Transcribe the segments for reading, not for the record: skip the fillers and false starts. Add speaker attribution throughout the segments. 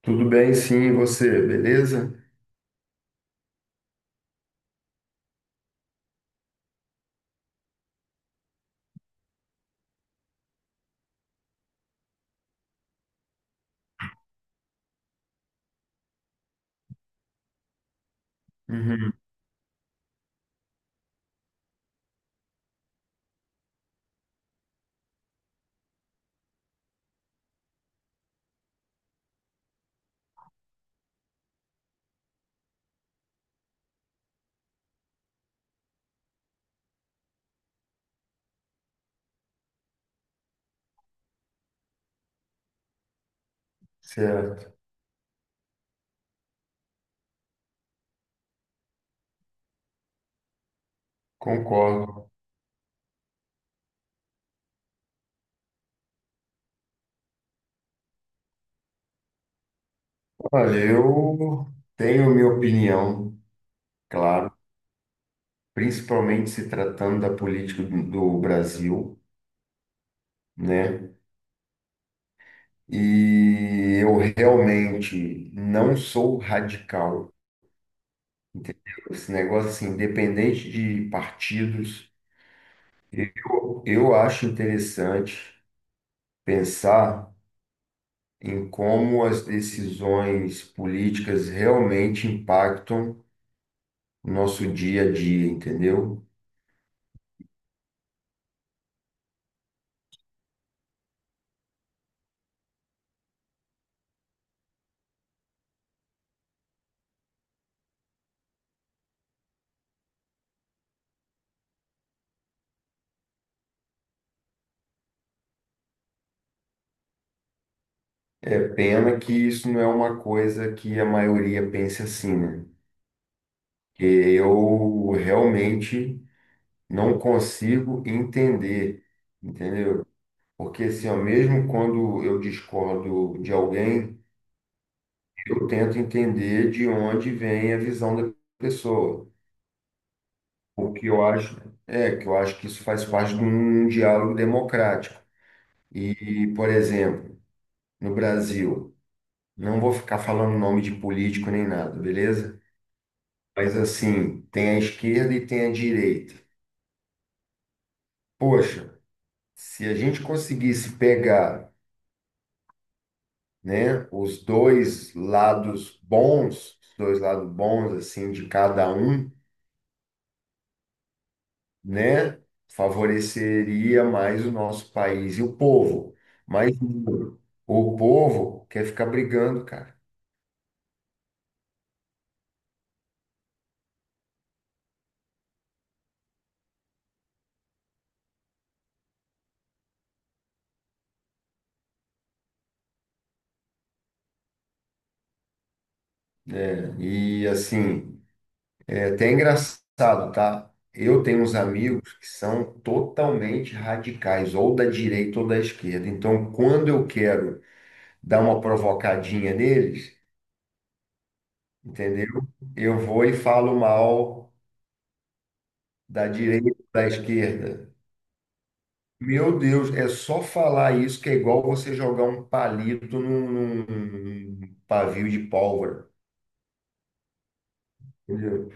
Speaker 1: Tudo bem, sim, e você, beleza? Uhum, certo, concordo. Olha, eu tenho minha opinião, claro, principalmente se tratando da política do Brasil, né? E eu realmente não sou radical, entendeu? Esse negócio assim, independente de partidos, eu acho interessante pensar em como as decisões políticas realmente impactam o nosso dia a dia, entendeu? É pena que isso não é uma coisa que a maioria pense assim, né? Que eu realmente não consigo entender, entendeu? Porque assim, ó, mesmo quando eu discordo de alguém, eu tento entender de onde vem a visão da pessoa. O que eu acho, que eu acho que isso faz parte de um diálogo democrático. E, por exemplo, no Brasil, não vou ficar falando nome de político nem nada, beleza? Mas assim, tem a esquerda e tem a direita. Poxa, se a gente conseguisse pegar, né, os dois lados bons, os dois lados bons assim de cada um, né, favoreceria mais o nosso país e o povo. Mas o povo quer ficar brigando, cara, né? E assim, é até engraçado, tá? Eu tenho uns amigos que são totalmente radicais, ou da direita ou da esquerda. Então, quando eu quero dar uma provocadinha neles, entendeu? Eu vou e falo mal da direita, da esquerda. Meu Deus, é só falar isso que é igual você jogar um palito num- pavio de pólvora. Entendeu?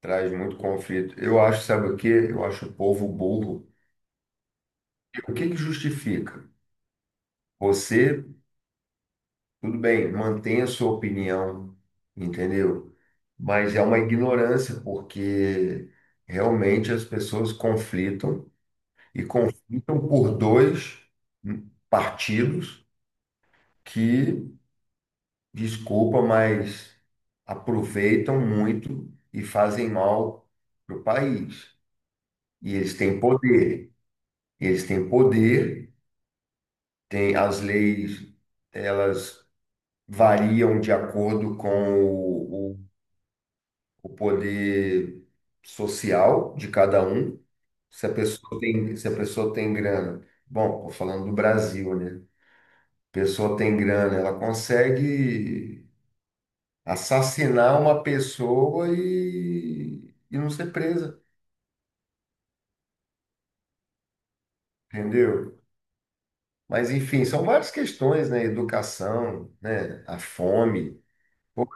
Speaker 1: Traz muito conflito. Eu acho, sabe o quê? Eu acho o povo burro. O que que justifica? Você, tudo bem, mantenha a sua opinião, entendeu? Mas é uma ignorância, porque realmente as pessoas conflitam e conflitam por dois partidos que, desculpa, mas aproveitam muito e fazem mal para o país. E eles têm poder. Eles têm poder, têm as leis, elas variam de acordo com o, o o poder social de cada um. Se a pessoa tem, se a pessoa tem grana, bom, estou falando do Brasil, né? Pessoa tem grana, ela consegue assassinar uma pessoa e não ser presa, entendeu? Mas enfim, são várias questões, né? Educação, né? A fome. Pô,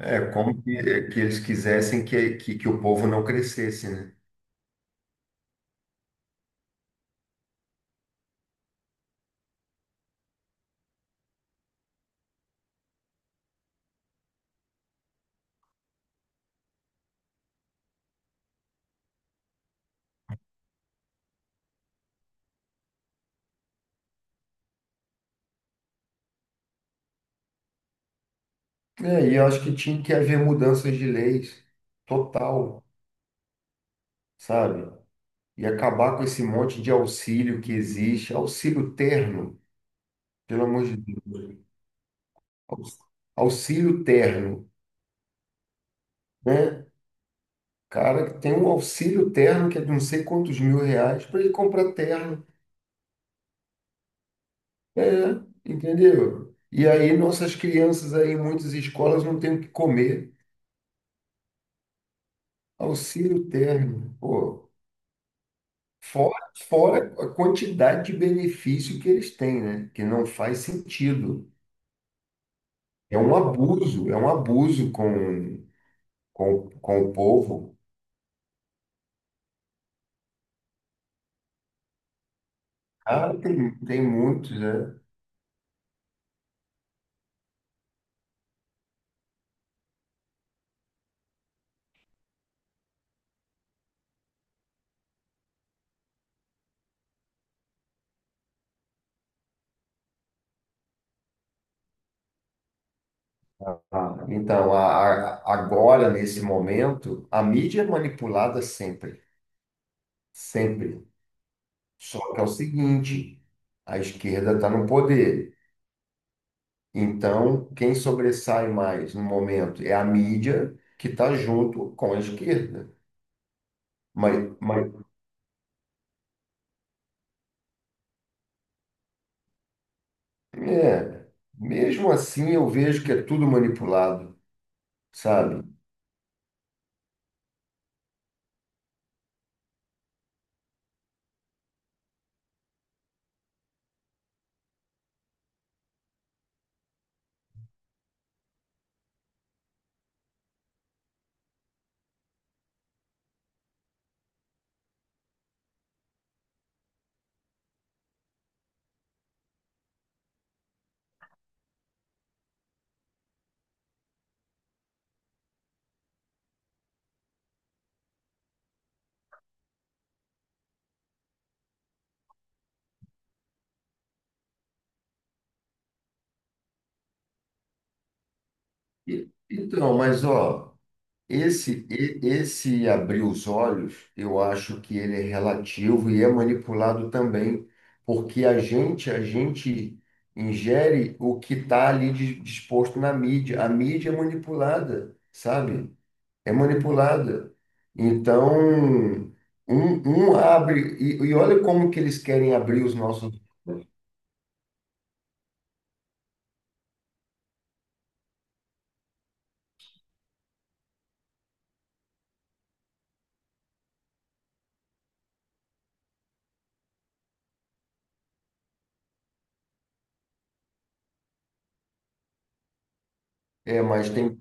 Speaker 1: é como que, eles quisessem que, que o povo não crescesse, né? É, e eu acho que tinha que haver mudanças de leis, total. Sabe? E acabar com esse monte de auxílio que existe, auxílio terno, pelo amor de Deus. Aux- Auxílio terno, né? Cara, que tem um auxílio terno que é de não sei quantos mil reais para ele comprar terno. É, entendeu? E aí nossas crianças aí em muitas escolas não têm o que comer. Auxílio terno, pô. Fora, fora a quantidade de benefício que eles têm, né? Que não faz sentido. É um abuso com com o povo? Ah, tem, tem muitos, né? Ah, então, agora, nesse momento, a mídia é manipulada sempre, sempre. Só que é o seguinte, a esquerda está no poder. Então, quem sobressai mais no momento é a mídia que está junto com a esquerda. Mas é, mesmo assim eu vejo que é tudo manipulado, sabe? Então, mas ó. Esse, esse abrir os olhos, eu acho que ele é relativo e é manipulado também, porque a gente ingere o que está ali disposto na mídia. A mídia é manipulada, sabe? É manipulada. Então, um abre, e olha como que eles querem abrir os nossos. É, mas tem,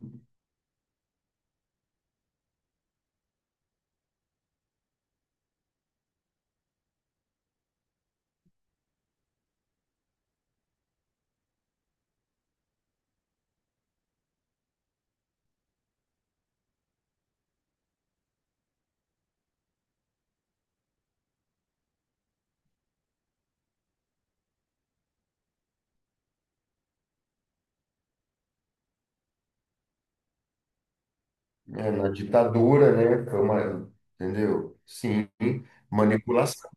Speaker 1: é, na ditadura, né? Foi uma, entendeu? Sim, manipulação.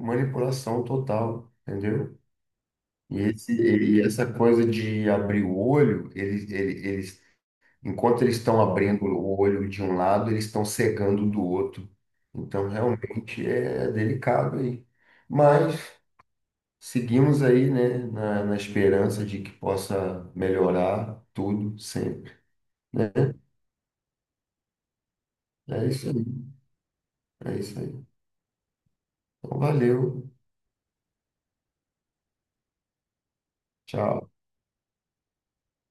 Speaker 1: Manipulação total, entendeu? E, esse, e essa coisa de abrir o olho, eles, enquanto eles estão abrindo o olho de um lado, eles estão cegando do outro. Então, realmente é delicado aí. Mas seguimos aí, né, na esperança de que possa melhorar tudo sempre, né? É isso aí, é isso aí. Então, valeu, tchau.